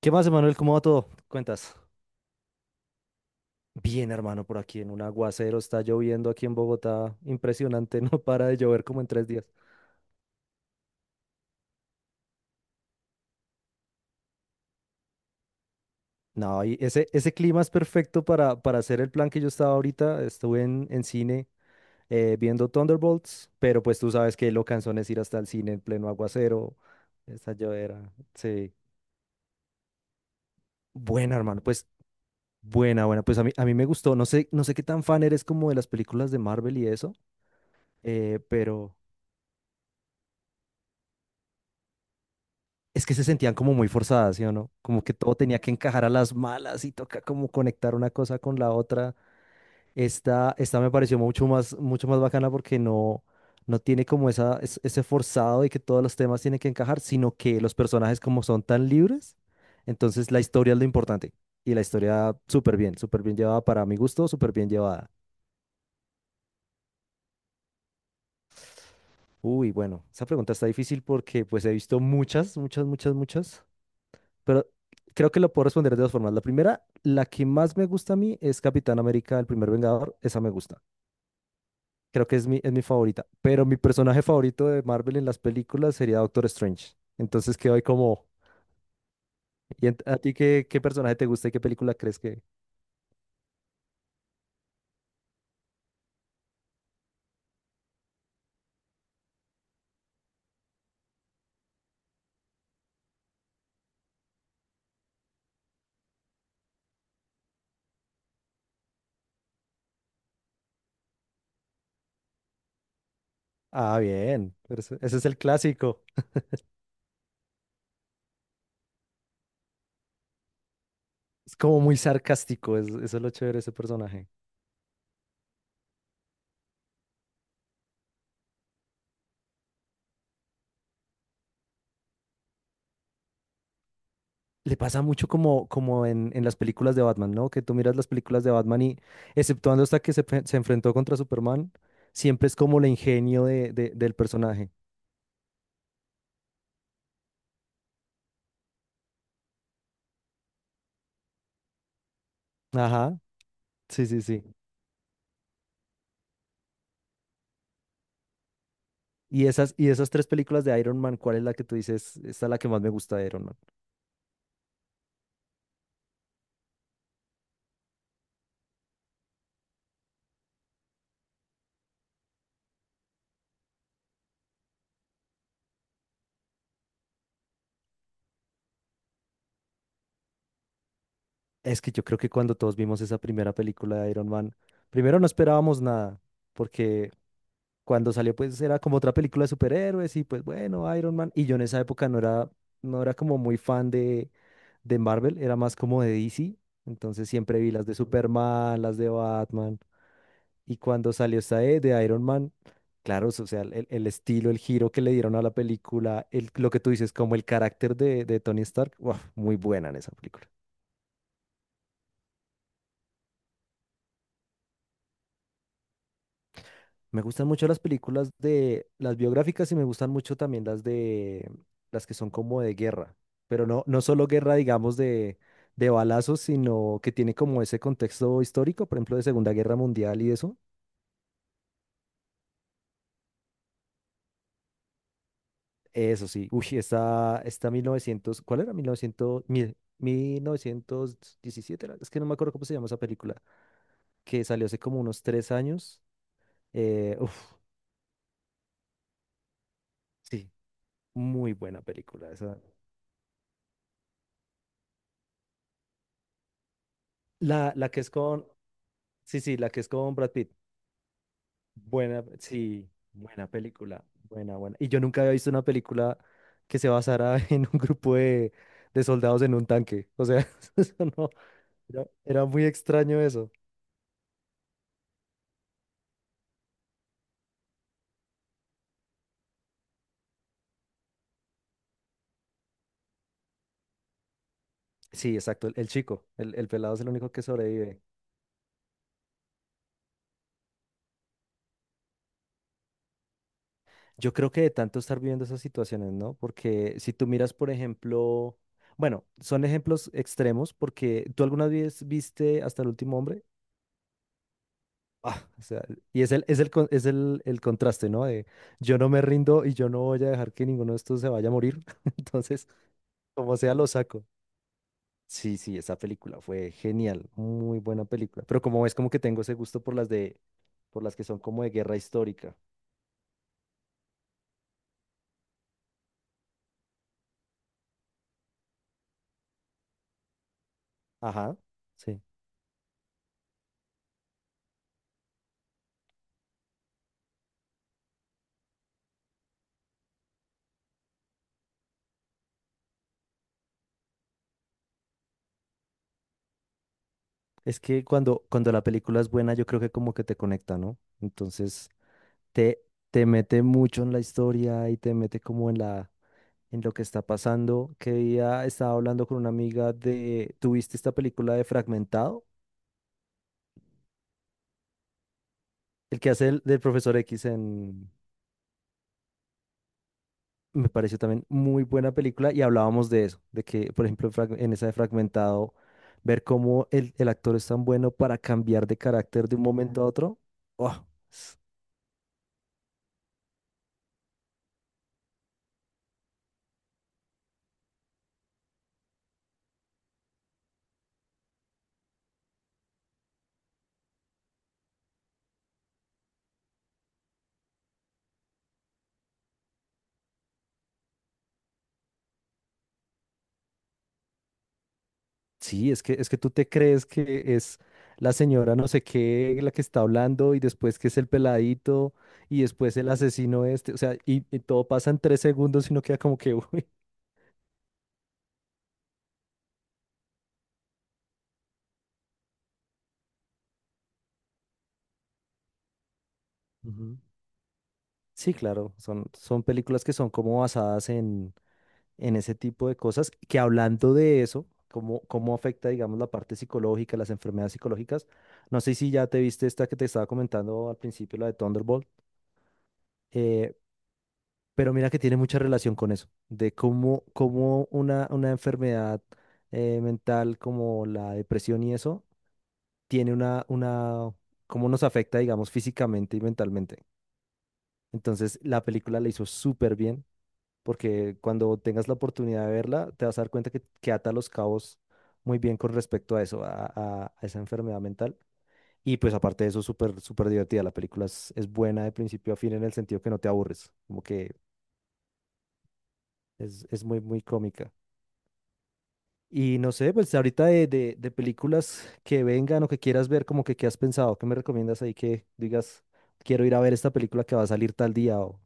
¿Qué más, Emanuel? ¿Cómo va todo? ¿Qué cuentas? Bien, hermano, por aquí en un aguacero, está lloviendo aquí en Bogotá, impresionante, no para de llover como en tres días. No, y ese clima es perfecto para hacer el plan que yo estaba ahorita, estuve en cine viendo Thunderbolts, pero pues tú sabes que lo cansón es ir hasta el cine en pleno aguacero, esa llovera, sí. Buena, hermano, pues buena, buena, pues a mí me gustó, no sé, no sé qué tan fan eres como de las películas de Marvel y eso, pero Es que se sentían como muy forzadas, ¿sí o no? Como que todo tenía que encajar a las malas y toca como conectar una cosa con la otra. Esta me pareció mucho más bacana porque no tiene como esa, ese forzado de que todos los temas tienen que encajar, sino que los personajes como son tan libres, entonces la historia es lo importante. Y la historia súper bien llevada para mi gusto, súper bien llevada. Uy, bueno, esa pregunta está difícil porque pues he visto muchas, muchas, muchas, muchas. Pero creo que lo puedo responder de dos formas. La primera, la que más me gusta a mí es Capitán América, el primer Vengador. Esa me gusta. Creo que es es mi favorita. Pero mi personaje favorito de Marvel en las películas sería Doctor Strange. Entonces quedo ahí como... ¿Y en- a ti qué, qué personaje te gusta y qué película crees que... Ah, bien, pero ese es el clásico. Es como muy sarcástico. Es, eso es lo chévere de ese personaje. Le pasa mucho como, como en las películas de Batman, ¿no? Que tú miras las películas de Batman y, exceptuando hasta que se, se enfrentó contra Superman, siempre es como el ingenio de, del personaje. Ajá, sí, sí, sí. Y esas tres películas de Iron Man, ¿cuál es la que tú dices? Esta es la que más me gusta de Iron Man. Es que yo creo que cuando todos vimos esa primera película de Iron Man, primero no esperábamos nada, porque cuando salió pues era como otra película de superhéroes y pues bueno, Iron Man. Y yo en esa época no era, no era como muy fan de Marvel, era más como de DC. Entonces siempre vi las de Superman, las de Batman. Y cuando salió esta de Iron Man, claro, o sea, el estilo, el giro que le dieron a la película, el, lo que tú dices, como el carácter de Tony Stark, ¡guau!, muy buena en esa película. Me gustan mucho las películas de las biográficas y me gustan mucho también las de las que son como de guerra, pero no, no solo guerra, digamos, de balazos, sino que tiene como ese contexto histórico, por ejemplo, de Segunda Guerra Mundial y eso. Eso sí, uy, esta 1900, ¿cuál era? 1900, 1917, era, es que no me acuerdo cómo se llama esa película, que salió hace como unos tres años. Eh, uf, sí, muy buena película esa. La que es con, sí, sí, la que es con Brad Pitt. Buena, sí, buena película, buena, buena. Y yo nunca había visto una película que se basara en un grupo de soldados en un tanque. O sea, eso no, era, era muy extraño eso. Sí, exacto, el chico, el pelado es el único que sobrevive. Yo creo que de tanto estar viviendo esas situaciones, ¿no? Porque si tú miras, por ejemplo, bueno, son ejemplos extremos porque tú alguna vez viste Hasta el último hombre. Ah, o sea, y es es el contraste, ¿no? De yo no me rindo y yo no voy a dejar que ninguno de estos se vaya a morir. Entonces, como sea, lo saco. Sí, sí, esa película fue genial, muy buena película. Pero como es como que tengo ese gusto por las de, por las que son como de guerra histórica. Ajá, sí. Es que cuando la película es buena, yo creo que como que te conecta, ¿no? Entonces, te, te mete mucho en la historia y te mete como en la en lo que está pasando. Que día estaba hablando con una amiga de, ¿tuviste esta película de Fragmentado? El que hace el, del profesor X en... Me pareció también muy buena película y hablábamos de eso, de que, por ejemplo, en en esa de Fragmentado, ver cómo el actor es tan bueno para cambiar de carácter de un momento a otro. ¡Oh! Sí, es que tú te crees que es la señora no sé qué la que está hablando y después que es el peladito y después el asesino este, o sea, y todo pasa en tres segundos y no queda como que, uy. Ujú. Sí, claro, son, son películas que son como basadas en ese tipo de cosas, que hablando de eso, cómo, cómo afecta, digamos, la parte psicológica, las enfermedades psicológicas, no sé si ya te viste esta que te estaba comentando al principio, la de Thunderbolt, eh, pero mira que tiene mucha relación con eso, de cómo, cómo una enfermedad mental como la depresión y eso, tiene una, cómo nos afecta, digamos, físicamente y mentalmente. Entonces, la película la hizo súper bien, porque cuando tengas la oportunidad de verla, te vas a dar cuenta que ata los cabos muy bien con respecto a eso, a, a esa enfermedad mental. Y pues aparte de eso, súper, súper divertida. La película es buena de principio a fin en el sentido que no te aburres, como que es muy, muy cómica. Y no sé, pues ahorita de películas que vengan o que quieras ver, como que qué has pensado, qué me recomiendas ahí que digas, quiero ir a ver esta película que va a salir tal día o...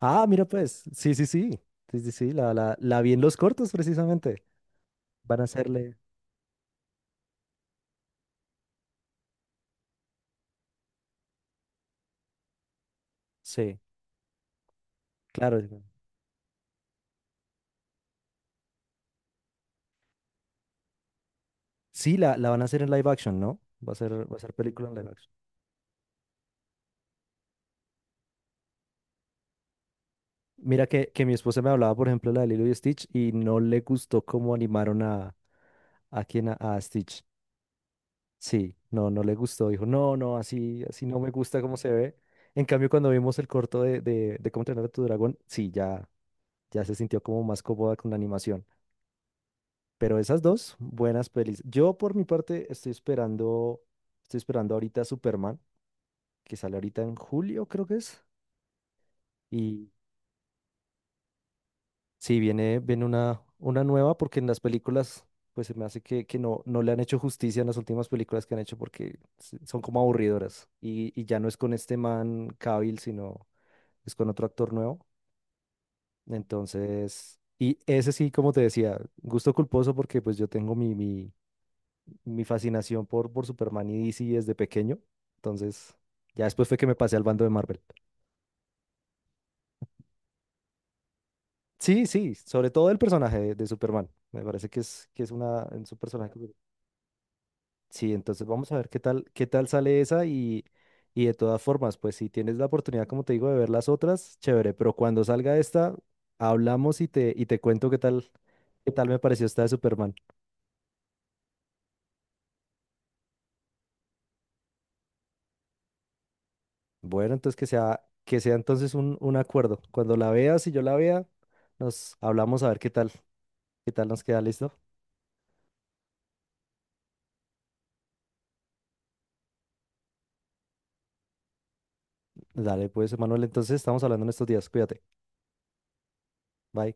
Ah, mira pues, sí, sí, sí, sí, sí, sí, la vi en los cortos precisamente. Van a hacerle... Sí, claro, digo, sí, la van a hacer en live action, ¿no? Va a ser película en live action. Mira que mi esposa me hablaba, por ejemplo, de la de Lilo y Stitch y no le gustó cómo animaron a, quien a Stitch. Sí, no, no le gustó. Dijo, no, no, así, así no me gusta cómo se ve. En cambio, cuando vimos el corto de cómo entrenar a tu dragón, sí, ya, ya se sintió como más cómoda con la animación. Pero esas dos, buenas pelis. Yo, por mi parte, estoy esperando ahorita Superman, que sale ahorita en julio, creo que es. Sí, viene, viene una nueva porque en las películas, pues se me hace que no, no le han hecho justicia en las últimas películas que han hecho porque son como aburridoras. Y ya no es con este man Cavill, sino es con otro actor nuevo. Entonces, y ese sí, como te decía, gusto culposo porque pues yo tengo mi, mi, mi fascinación por Superman y DC desde pequeño. Entonces, ya después fue que me pasé al bando de Marvel. Sí, sí, sobre todo el personaje de Superman. Me parece que es una, es un personaje. Sí, entonces vamos a ver qué tal sale esa y de todas formas, pues si tienes la oportunidad, como te digo, de ver las otras, chévere, pero cuando salga esta, hablamos y te cuento qué tal me pareció esta de Superman. Bueno, entonces que sea entonces un acuerdo. Cuando la veas y yo la vea, nos hablamos a ver qué tal nos queda, ¿listo? Dale, pues, Manuel, entonces estamos hablando en estos días, cuídate, bye.